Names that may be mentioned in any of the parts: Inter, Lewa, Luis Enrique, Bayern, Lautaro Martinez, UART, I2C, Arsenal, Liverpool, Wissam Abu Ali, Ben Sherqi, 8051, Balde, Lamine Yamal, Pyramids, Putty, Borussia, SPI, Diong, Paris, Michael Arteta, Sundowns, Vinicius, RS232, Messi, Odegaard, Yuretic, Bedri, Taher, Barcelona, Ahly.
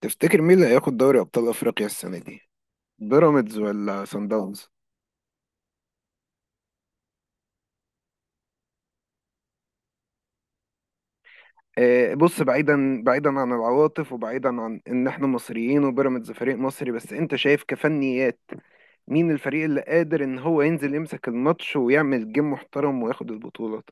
تفتكر مين اللي هياخد دوري ابطال افريقيا السنه دي، بيراميدز ولا سان داونز؟ بص، بعيدا بعيدا عن العواطف وبعيدا عن ان احنا مصريين وبيراميدز فريق مصري، بس انت شايف كفنيات. مين الفريق اللي قادر ان هو ينزل يمسك الماتش ويعمل جيم محترم وياخد البطوله؟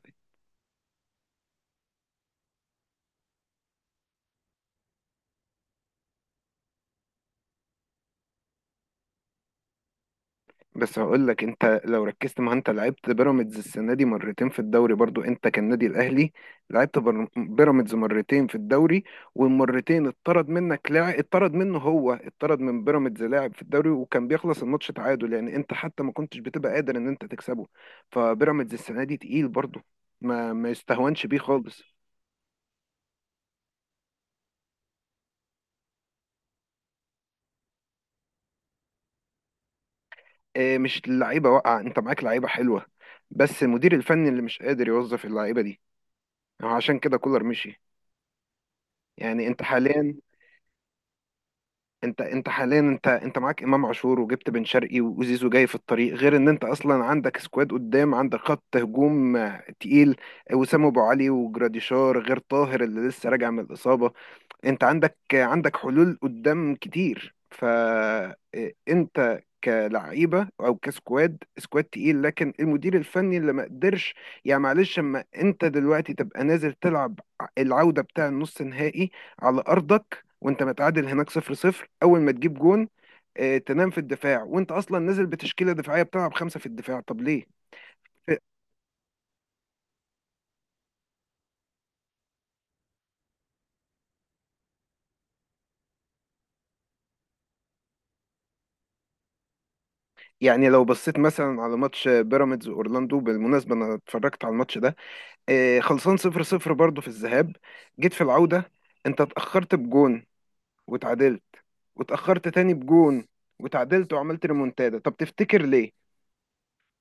بس هقول لك، انت لو ركزت، ما انت لعبت بيراميدز السنه دي مرتين في الدوري برضو، انت كالنادي الاهلي لعبت بيراميدز مرتين في الدوري. والمرتين اتطرد منك لاعب، اتطرد منه، هو اتطرد من بيراميدز لاعب في الدوري، وكان بيخلص الماتش تعادل. يعني انت حتى ما كنتش بتبقى قادر ان انت تكسبه. فبيراميدز السنه دي تقيل برضو، ما يستهونش بيه خالص. اه، مش اللعيبه واقعه، انت معاك لعيبه حلوه، بس المدير الفني اللي مش قادر يوظف اللعيبه دي. عشان كده كولر مشي. يعني انت حاليا، انت حاليا، انت معاك امام عاشور، وجبت بن شرقي، وزيزو جاي في الطريق، غير ان انت اصلا عندك سكواد قدام، عندك خط هجوم تقيل، وسام ابو علي وجراديشار غير طاهر اللي لسه راجع من الاصابه. انت عندك حلول قدام كتير، فانت كلعيبه او كسكواد، سكواد تقيل، لكن المدير الفني اللي ما قدرش. يعني معلش، اما انت دلوقتي تبقى نازل تلعب العوده بتاع النص نهائي على ارضك وانت متعادل هناك صفر صفر، اول ما تجيب جون، اه، تنام في الدفاع وانت اصلا نازل بتشكيله دفاعيه، بتلعب خمسه في الدفاع، طب ليه؟ يعني لو بصيت مثلا على ماتش بيراميدز واورلاندو، بالمناسبه انا اتفرجت على الماتش ده، خلصان صفر صفر برضه في الذهاب، جيت في العودة، انت اتأخرت بجون وتعادلت، واتأخرت تاني بجون وتعادلت، وعملت ريمونتادا. طب تفتكر ليه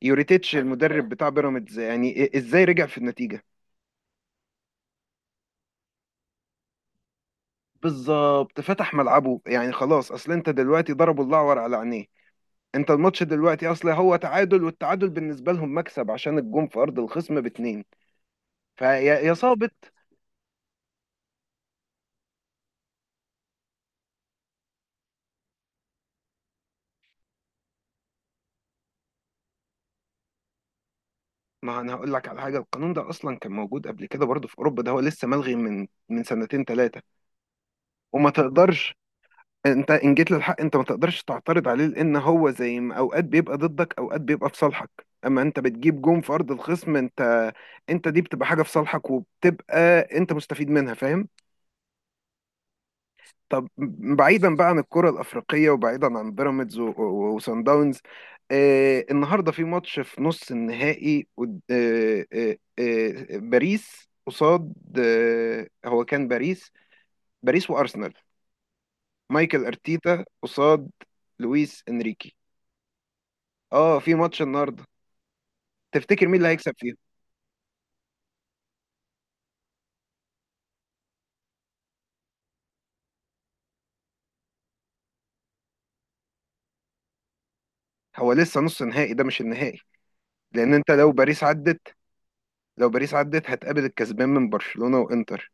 يوريتيتش المدرب بتاع بيراميدز، يعني ازاي رجع في النتيجة؟ بالظبط، فتح ملعبه، يعني خلاص، اصل انت دلوقتي ضربوا الأعور على عينيه. انت الماتش دلوقتي اصل هو تعادل، والتعادل بالنسبة لهم مكسب عشان الجون في ارض الخصم باتنين، فيا يا صابت. ما انا هقول لك على حاجه، القانون ده اصلا كان موجود قبل كده برضه في اوروبا، ده هو لسه ملغي من سنتين ثلاثه. وما تقدرش انت، ان جيت للحق انت ما تقدرش تعترض عليه، لان هو زي ما اوقات بيبقى ضدك اوقات بيبقى في صالحك. اما انت بتجيب جون في ارض الخصم، انت، انت دي بتبقى حاجه في صالحك، وبتبقى انت مستفيد منها، فاهم؟ طب بعيدا بقى عن الكرة الأفريقية وبعيدا عن بيراميدز و- و- وسان داونز. النهارده في ماتش في نص النهائي، باريس قصاد، هو كان باريس، باريس وأرسنال، مايكل أرتيتا قصاد لويس إنريكي. اه، في ماتش النهارده، تفتكر مين اللي هيكسب فيهم؟ هو لسه نص نهائي ده مش النهائي، لأن انت لو باريس عدت، لو باريس عدت هتقابل الكسبان من برشلونة وإنتر.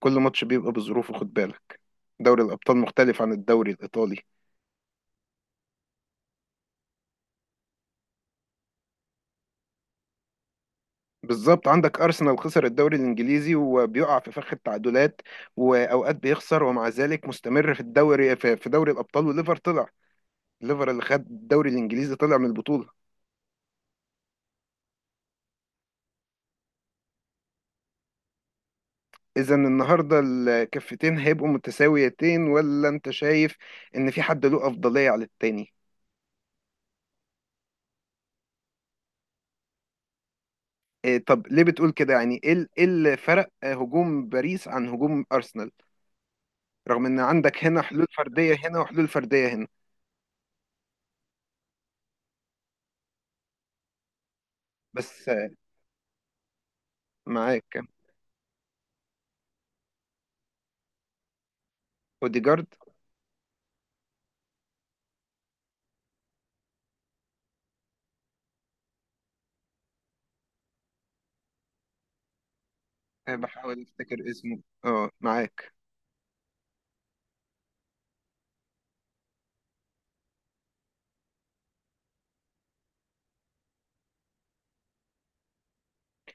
كل ماتش بيبقى بظروفه، خد بالك، دوري الأبطال مختلف عن الدوري الإيطالي. بالظبط، عندك أرسنال خسر الدوري الإنجليزي وبيقع في فخ التعادلات، وأوقات بيخسر ومع ذلك مستمر في الدوري، في في دوري الأبطال، وليفر طلع. ليفر اللي خد الدوري الإنجليزي طلع من البطولة. إذا النهاردة الكفتين هيبقوا متساويتين، ولا أنت شايف إن في حد له أفضلية على التاني؟ إيه، طب ليه بتقول كده، يعني إيه إيه اللي فرق هجوم باريس عن هجوم أرسنال؟ رغم ان عندك هنا حلول فرديه هنا وحلول فرديه هنا. بس معاك اوديجارد، بحاول افتكر اسمه، اه معاك.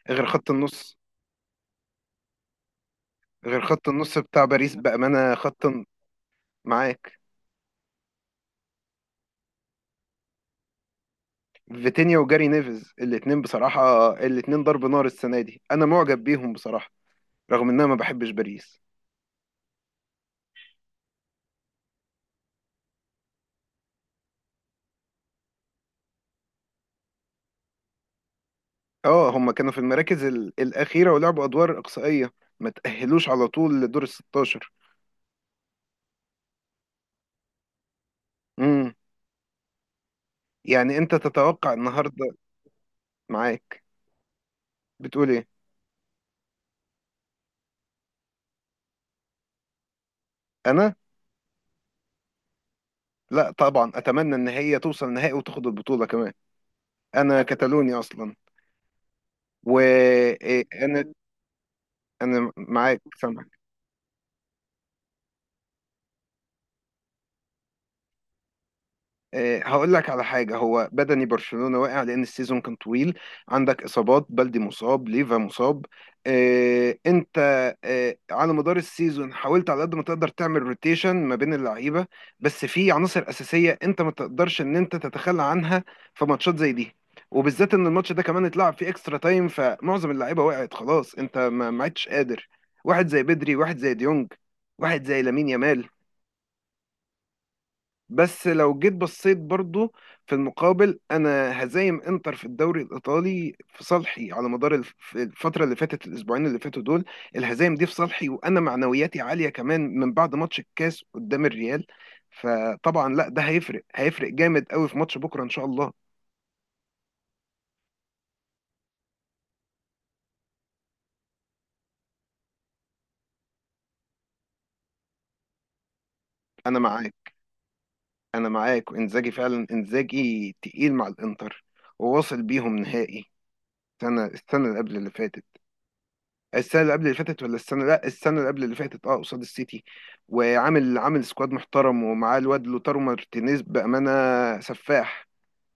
غير خط النص، غير خط النص بتاع باريس بامانه، معاك فيتينيا وجاري نيفز، الاتنين بصراحه الاتنين ضرب نار السنه دي، انا معجب بيهم بصراحه، رغم ان انا ما بحبش باريس. اه، هم كانوا في المراكز الاخيره ولعبوا ادوار اقصائيه، ما تاهلوش على طول لدور ال 16. امم يعني انت تتوقع النهارده، معاك، بتقول ايه؟ انا، لا طبعا اتمنى ان هي توصل نهائي وتاخد البطوله كمان. انا كتالوني اصلا، وانا انا أنا معاك، سامع. هقول لك على حاجة، هو بدني برشلونة واقع لأن السيزون كان طويل، عندك إصابات، بلدي مصاب، ليفا مصاب. أنت على مدار السيزون حاولت على قد ما تقدر تعمل روتيشن ما بين اللعيبة، بس في عناصر أساسية أنت ما تقدرش إن أنت تتخلى عنها في ماتشات زي دي، وبالذات إن الماتش ده كمان اتلعب فيه إكسترا تايم، فمعظم اللعيبة وقعت خلاص، أنت ما عدتش قادر. واحد زي بدري، واحد زي ديونج، واحد زي لامين يامال. بس لو جيت بصيت برضو، في المقابل انا هزايم انتر في الدوري الايطالي في صالحي على مدار الفتره اللي فاتت، الاسبوعين اللي فاتوا دول، الهزايم دي في صالحي، وانا معنوياتي عاليه كمان من بعد ماتش الكاس قدام الريال. فطبعا لا، ده هيفرق هيفرق جامد قوي في ماتش بكره ان شاء الله. انا معاك، انا معاك، وانزاجي فعلا انزاجي تقيل مع الانتر، وواصل بيهم نهائي السنه اللي قبل اللي فاتت، السنه اللي قبل اللي فاتت، ولا السنه، لا، السنه اللي قبل اللي فاتت، اه، قصاد السيتي، وعامل سكواد محترم، ومعاه الواد لوتارو مارتينيز بامانه، سفاح،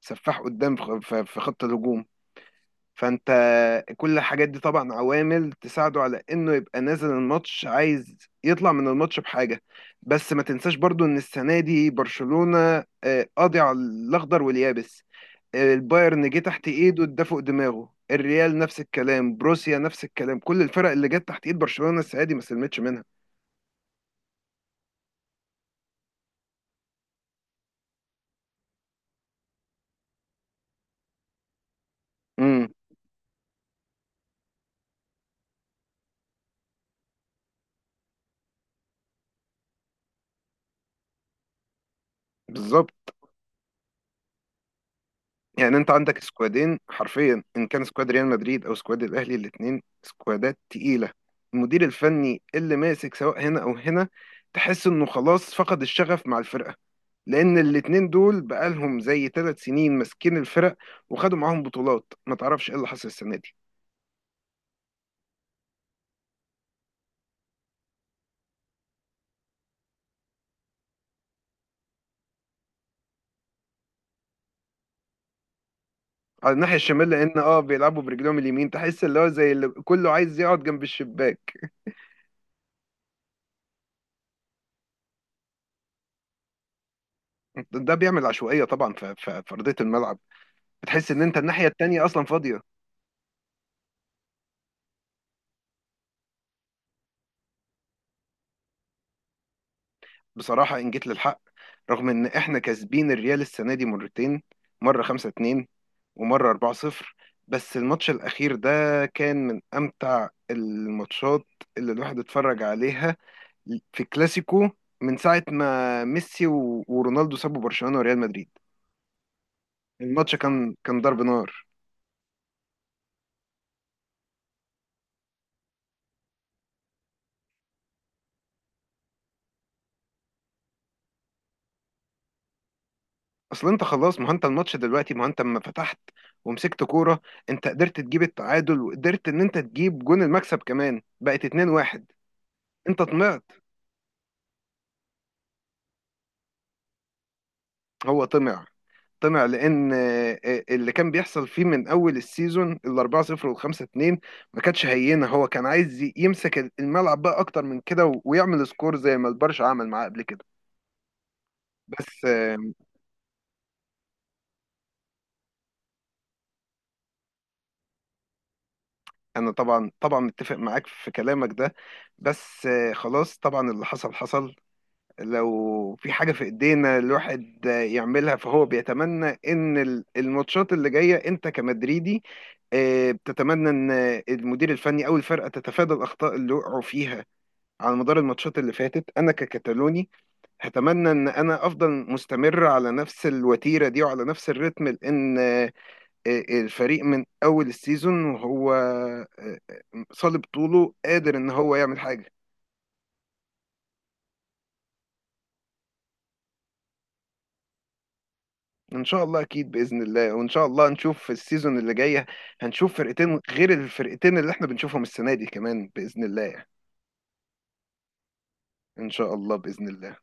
سفاح قدام في خط الهجوم، فانت كل الحاجات دي طبعا عوامل تساعده على انه يبقى نازل الماتش عايز يطلع من الماتش بحاجه. بس ما تنساش برضو ان السنه دي برشلونه قاضي على الاخضر واليابس، البايرن جه تحت ايده اداه فوق دماغه، الريال نفس الكلام، بروسيا نفس الكلام، كل الفرق اللي جت تحت ايد برشلونة السنة دي ما سلمتش منها. امم بالظبط. يعني انت عندك سكوادين حرفيا، ان كان سكواد ريال مدريد او سكواد الاهلي، الاثنين سكوادات تقيلة، المدير الفني اللي ماسك سواء هنا او هنا تحس انه خلاص فقد الشغف مع الفرقة، لان الاتنين دول بقالهم زي 3 سنين ماسكين الفرق وخدوا معاهم بطولات، ما تعرفش ايه اللي حصل السنة دي. على الناحية الشمال، لأن اه بيلعبوا برجلهم اليمين، تحس اللي هو زي اللي كله عايز يقعد جنب الشباك. ده بيعمل عشوائية طبعا في أرضية الملعب، بتحس إن أنت الناحية التانية أصلا فاضية. بصراحة إن جيت للحق، رغم إن إحنا كاسبين الريال السنة دي مرتين، مرة 5-2 ومرة 4-0، بس الماتش الأخير ده كان من أمتع الماتشات اللي الواحد اتفرج عليها في كلاسيكو من ساعة ما ميسي و- ورونالدو سابوا برشلونة وريال مدريد. الماتش كان كان ضرب نار. اصل انت خلاص، ما هو انت الماتش دلوقتي، ما هو انت لما فتحت ومسكت كوره، انت قدرت تجيب التعادل، وقدرت ان انت تجيب جون المكسب كمان، بقت 2-1. انت طمعت، هو طمع، طمع لان اللي كان بيحصل فيه من اول السيزون ال 4-0 وال 5-2 ما كانتش هينه، هو كان عايز يمسك الملعب بقى اكتر من كده و- ويعمل سكور زي ما البرشا عمل معاه قبل كده. بس انا طبعا طبعا متفق معاك في كلامك ده، بس خلاص طبعا اللي حصل حصل. لو في حاجة في ايدينا الواحد يعملها، فهو بيتمنى ان الماتشات اللي جاية، انت كمدريدي بتتمنى ان المدير الفني او الفرقة تتفادى الاخطاء اللي وقعوا فيها على مدار الماتشات اللي فاتت. انا ككتالوني هتمنى ان انا افضل مستمر على نفس الوتيره دي وعلى نفس الريتم، لان الفريق من اول السيزون، وهو صلب طوله قادر ان هو يعمل حاجه. ان شاء الله اكيد باذن الله، وان شاء الله نشوف في السيزون اللي جايه، هنشوف فرقتين غير الفرقتين اللي احنا بنشوفهم السنه دي كمان باذن الله يعني. ان شاء الله باذن الله.